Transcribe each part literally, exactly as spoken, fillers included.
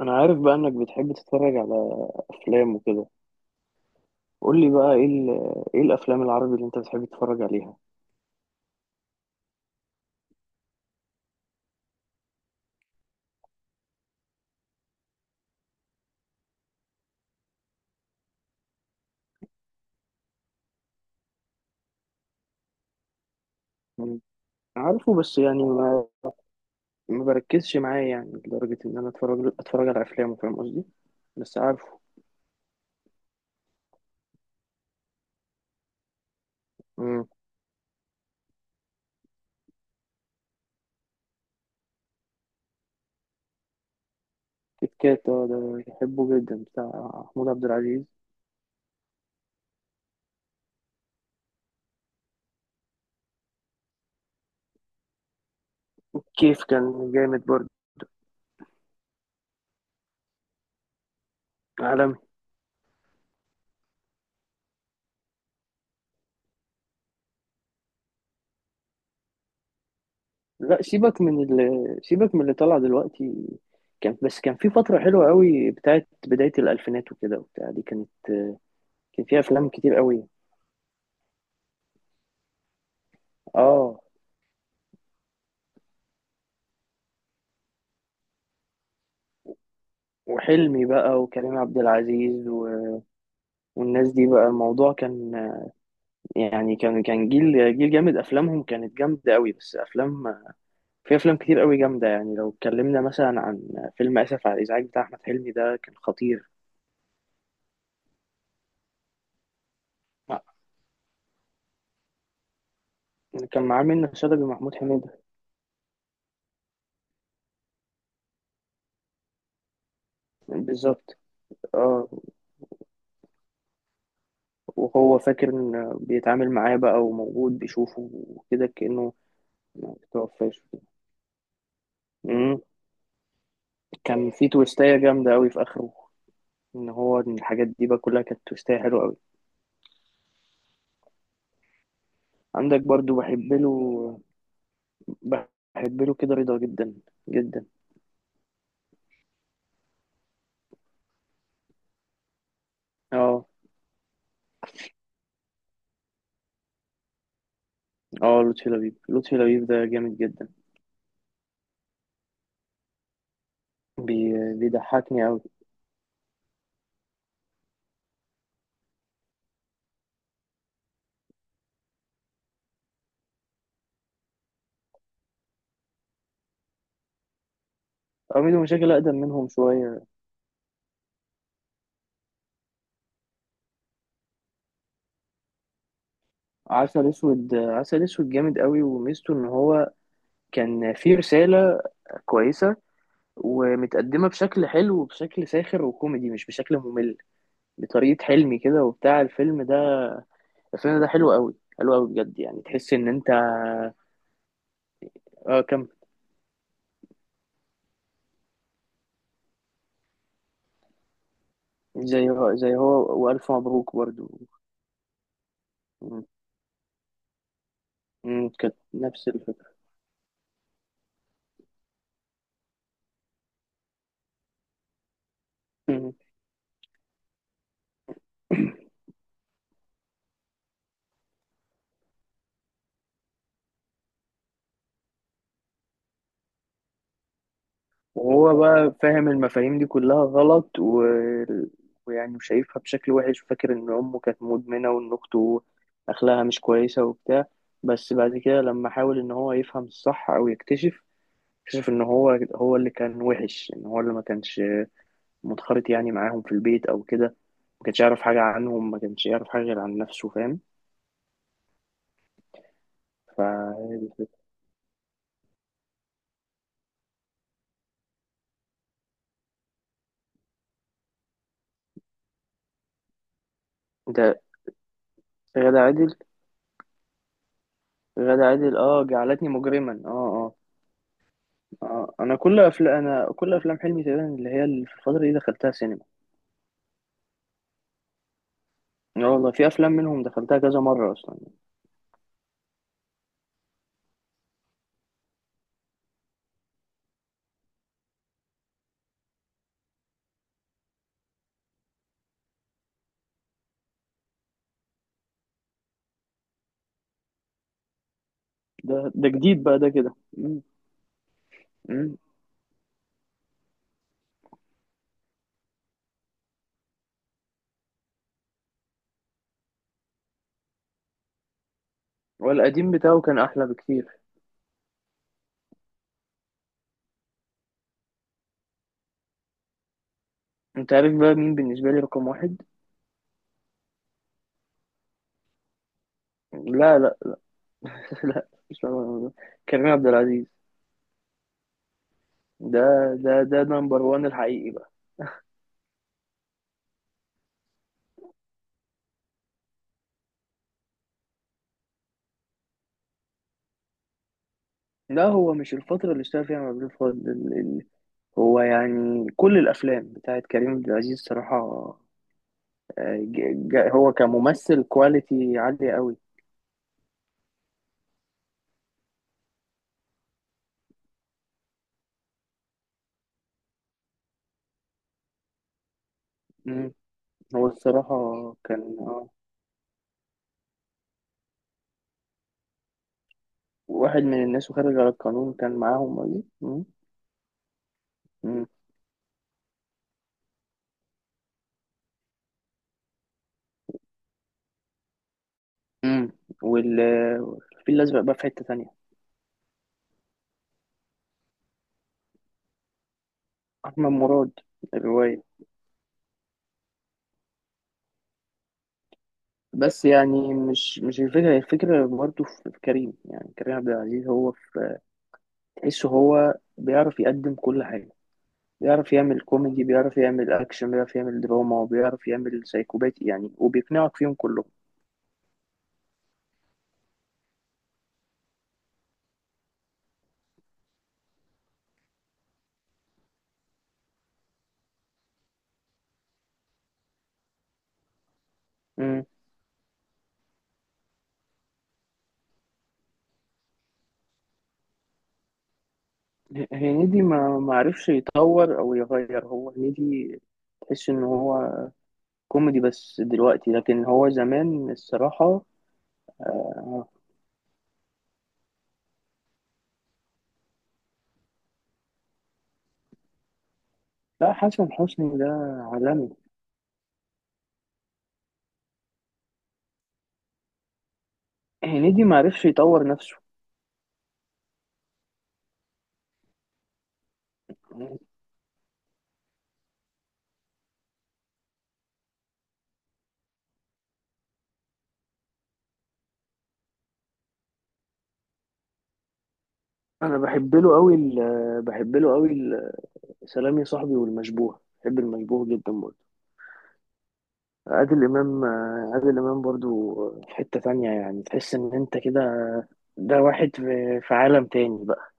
انا عارف بقى انك بتحب تتفرج على افلام وكده. قول لي بقى ايه ال- ايه الافلام العربي اللي انت بتحب تتفرج عليها؟ مم. عارفه، بس يعني ما ما بركزش معاه، يعني لدرجة ان انا اتفرج اتفرج على افلامه، فاهم قصدي؟ بس عارفه. مم. كيت كات، آه، ده بحبه جدا، بتاع محمود عبد العزيز. كيف كان جامد برضه، عالمي. لا، سيبك من اللي سيبك من اللي طلع دلوقتي، كان بس كان في فترة حلوة قوي بتاعت بداية الألفينات وكده وبتاع، دي كانت كان فيها أفلام كتير قوي. اه، وحلمي بقى وكريم عبد العزيز و... والناس دي بقى، الموضوع كان يعني كان كان جيل جيل جامد، افلامهم كانت جامده قوي. بس افلام في افلام كتير قوي جامده، يعني لو اتكلمنا مثلا عن فيلم اسف على الازعاج بتاع احمد حلمي، ده كان خطير. كان معاه منة شلبي ومحمود حميدة. بالظبط، اه. وهو فاكر ان بيتعامل معاه بقى، وموجود بيشوفه وكده كأنه ما توفاش. مم. كان في تويستاية جامدة أوي في آخره، ان هو إن الحاجات دي بقى كلها كانت توستاية حلوة قوي. عندك برضو بحب له بحب له كده رضا، جدا جدا. اه، اه، لطفي لبيب، لطفي لبيب ده جامد جدا. بي... بيضحكني قوي. ميدو مشاكل اقدم منهم شوية. عسل اسود، عسل اسود جامد قوي، وميزته ان هو كان فيه رسالة كويسة، ومتقدمة بشكل حلو وبشكل ساخر وكوميدي، مش بشكل ممل، بطريقة حلمي كده وبتاع الفيلم ده الفيلم ده حلو قوي، حلو قوي بجد، يعني تحس ان انت. اه، كمل. زي هو زي هو والف مبروك برضو. مم. مم. كانت نفس الفكره. مم. وهو بقى فاهم المفاهيم دي كلها غلط، و... ويعني شايفها بشكل وحش، وفاكر ان امه كانت مدمنه وان اخته اخلاقها مش كويسه وبتاع. بس بعد كده لما حاول ان هو يفهم الصح او يكتشف، اكتشف ان هو هو اللي كان وحش، ان هو اللي ما كانش منخرط يعني معاهم في البيت او كده، ما كانش يعرف حاجه عنهم، ما كانش يعرف حاجه غير عن نفسه، فاهم؟ ف انت، غادة عادل، غادة عادل، اه، جعلتني مجرما، اه، اه. اه، انا كل افلام، انا كل افلام حلمي تقريبا اللي هي اللي في الفتره دي دخلتها سينما. اه والله، في افلام منهم دخلتها كذا مره اصلا. ده ده جديد بقى، ده كده. مم، مم. والقديم بتاعه كان احلى بكتير. انت عارف بقى مين بالنسبه لي رقم واحد؟ لا، لا، لا، مش رقم واحد. كريم عبد العزيز. ده ده ده نمبر وان الحقيقي بقى. لا، هو مش الفترة اللي اشتغل فيها مع عبد الفضل، ال- ال- هو يعني كل الأفلام بتاعت كريم عبد العزيز صراحة. ج- ج- هو كممثل كواليتي عالية قوي. مم. هو الصراحة كان آه، واحد من الناس، وخارج على القانون، كان معاهم قوي. مم. مم. مم. وال الفيل الأزرق بقى في حتة تانية. أحمد مراد، الرواية. بس يعني مش مش الفكرة، الفكرة برضه في في كريم، يعني كريم عبد العزيز هو في، تحسه هو بيعرف يقدم كل حاجة. بيعرف يعمل كوميدي، بيعرف يعمل أكشن، بيعرف يعمل دراما، وبيعرف يعمل سايكوباتي يعني، وبيقنعك فيهم كلهم. ه- هنيدي ما ما عرفش يطور او يغير، هو هنيدي، تحس ان هو كوميدي بس دلوقتي، لكن هو زمان الصراحة. آه، لا، حسن حسني ده عالمي. هنيدي ما عرفش يطور نفسه. انا بحب له قوي ال- بحب له قوي ال- سلام يا صاحبي، والمشبوه، بحب المشبوه جدا برضه. عادل امام، آه، عادل امام برضه، آه، في حتة تانية، يعني تحس ان انت كده، ده واحد في في عالم تاني بقى.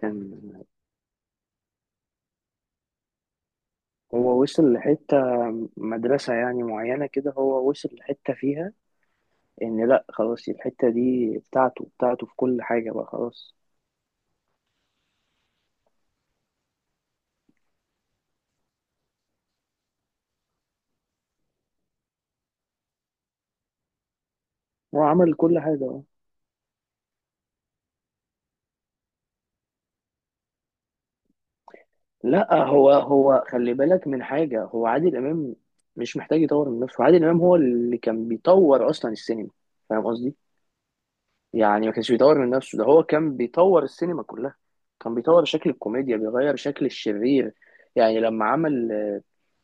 كان هو وصل لحتة، مدرسة يعني معينة كده، هو وصل لحتة فيها إن لأ، خلاص الحتة دي بتاعته بتاعته في كل حاجة بقى، خلاص. هو عمل كل حاجة أهو. لأ، هو هو خلي بالك من حاجة، هو عادل إمام مش محتاج يطور من نفسه، عادل إمام هو اللي كان بيطور أصلا السينما، فاهم قصدي؟ يعني ما كانش بيطور من نفسه، ده هو كان بيطور السينما كلها، كان بيطور شكل الكوميديا، بيغير شكل الشرير. يعني لما عمل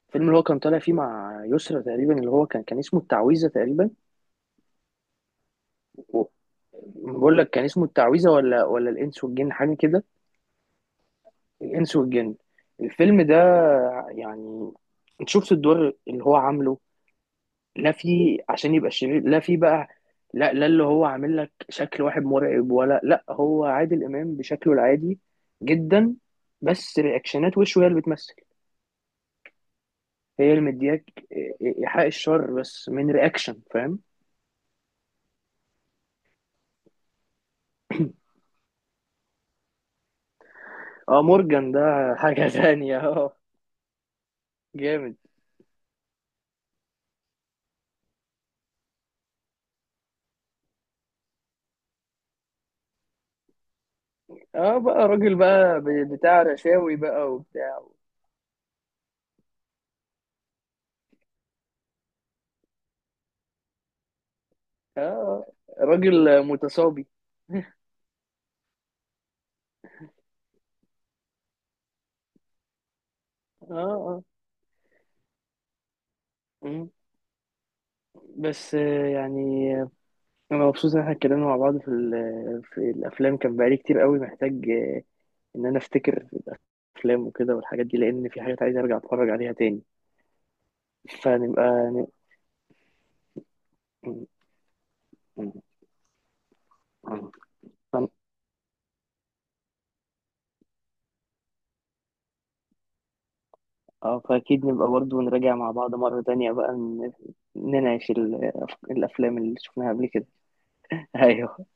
الفيلم اللي هو كان طالع فيه مع يسرا تقريبا، اللي هو كان كان اسمه التعويذة تقريبا. و- بقول لك كان اسمه التعويذة ولا ولا الإنس والجن، حاجة كده. الإنس والجن، الفيلم ده، يعني انت شفت الدور اللي هو عامله؟ لا فيه عشان يبقى شرير، لا فيه بقى لا، لا، اللي هو عامل لك شكل واحد مرعب؟ ولا، لا، هو عادل إمام بشكله العادي جدا، بس رياكشنات وشه هي اللي بتمثل، هي اللي مدياك. إيحاء الشر بس من رياكشن، فاهم؟ اه، مورجان ده حاجة تانية، اه، جامد. اه، بقى راجل بقى، ب- بتاع رشاوي بقى وبتاع. اه، اه، راجل متصابي اه، اه. مم. بس آه، يعني آه، انا مبسوط ان احنا اتكلمنا مع بعض في ال- في الافلام، كان بقالي كتير قوي محتاج، آه، ان انا افتكر افلام وكده والحاجات دي، لان في حاجات عايز ارجع اتفرج عليها تاني. فنبقى ن... مم. مم. مم. اه، فأكيد نبقى برضه نراجع مع بعض مرة تانية بقى، ن- نناقش ال- الأفلام اللي شفناها قبل كده. أيوه.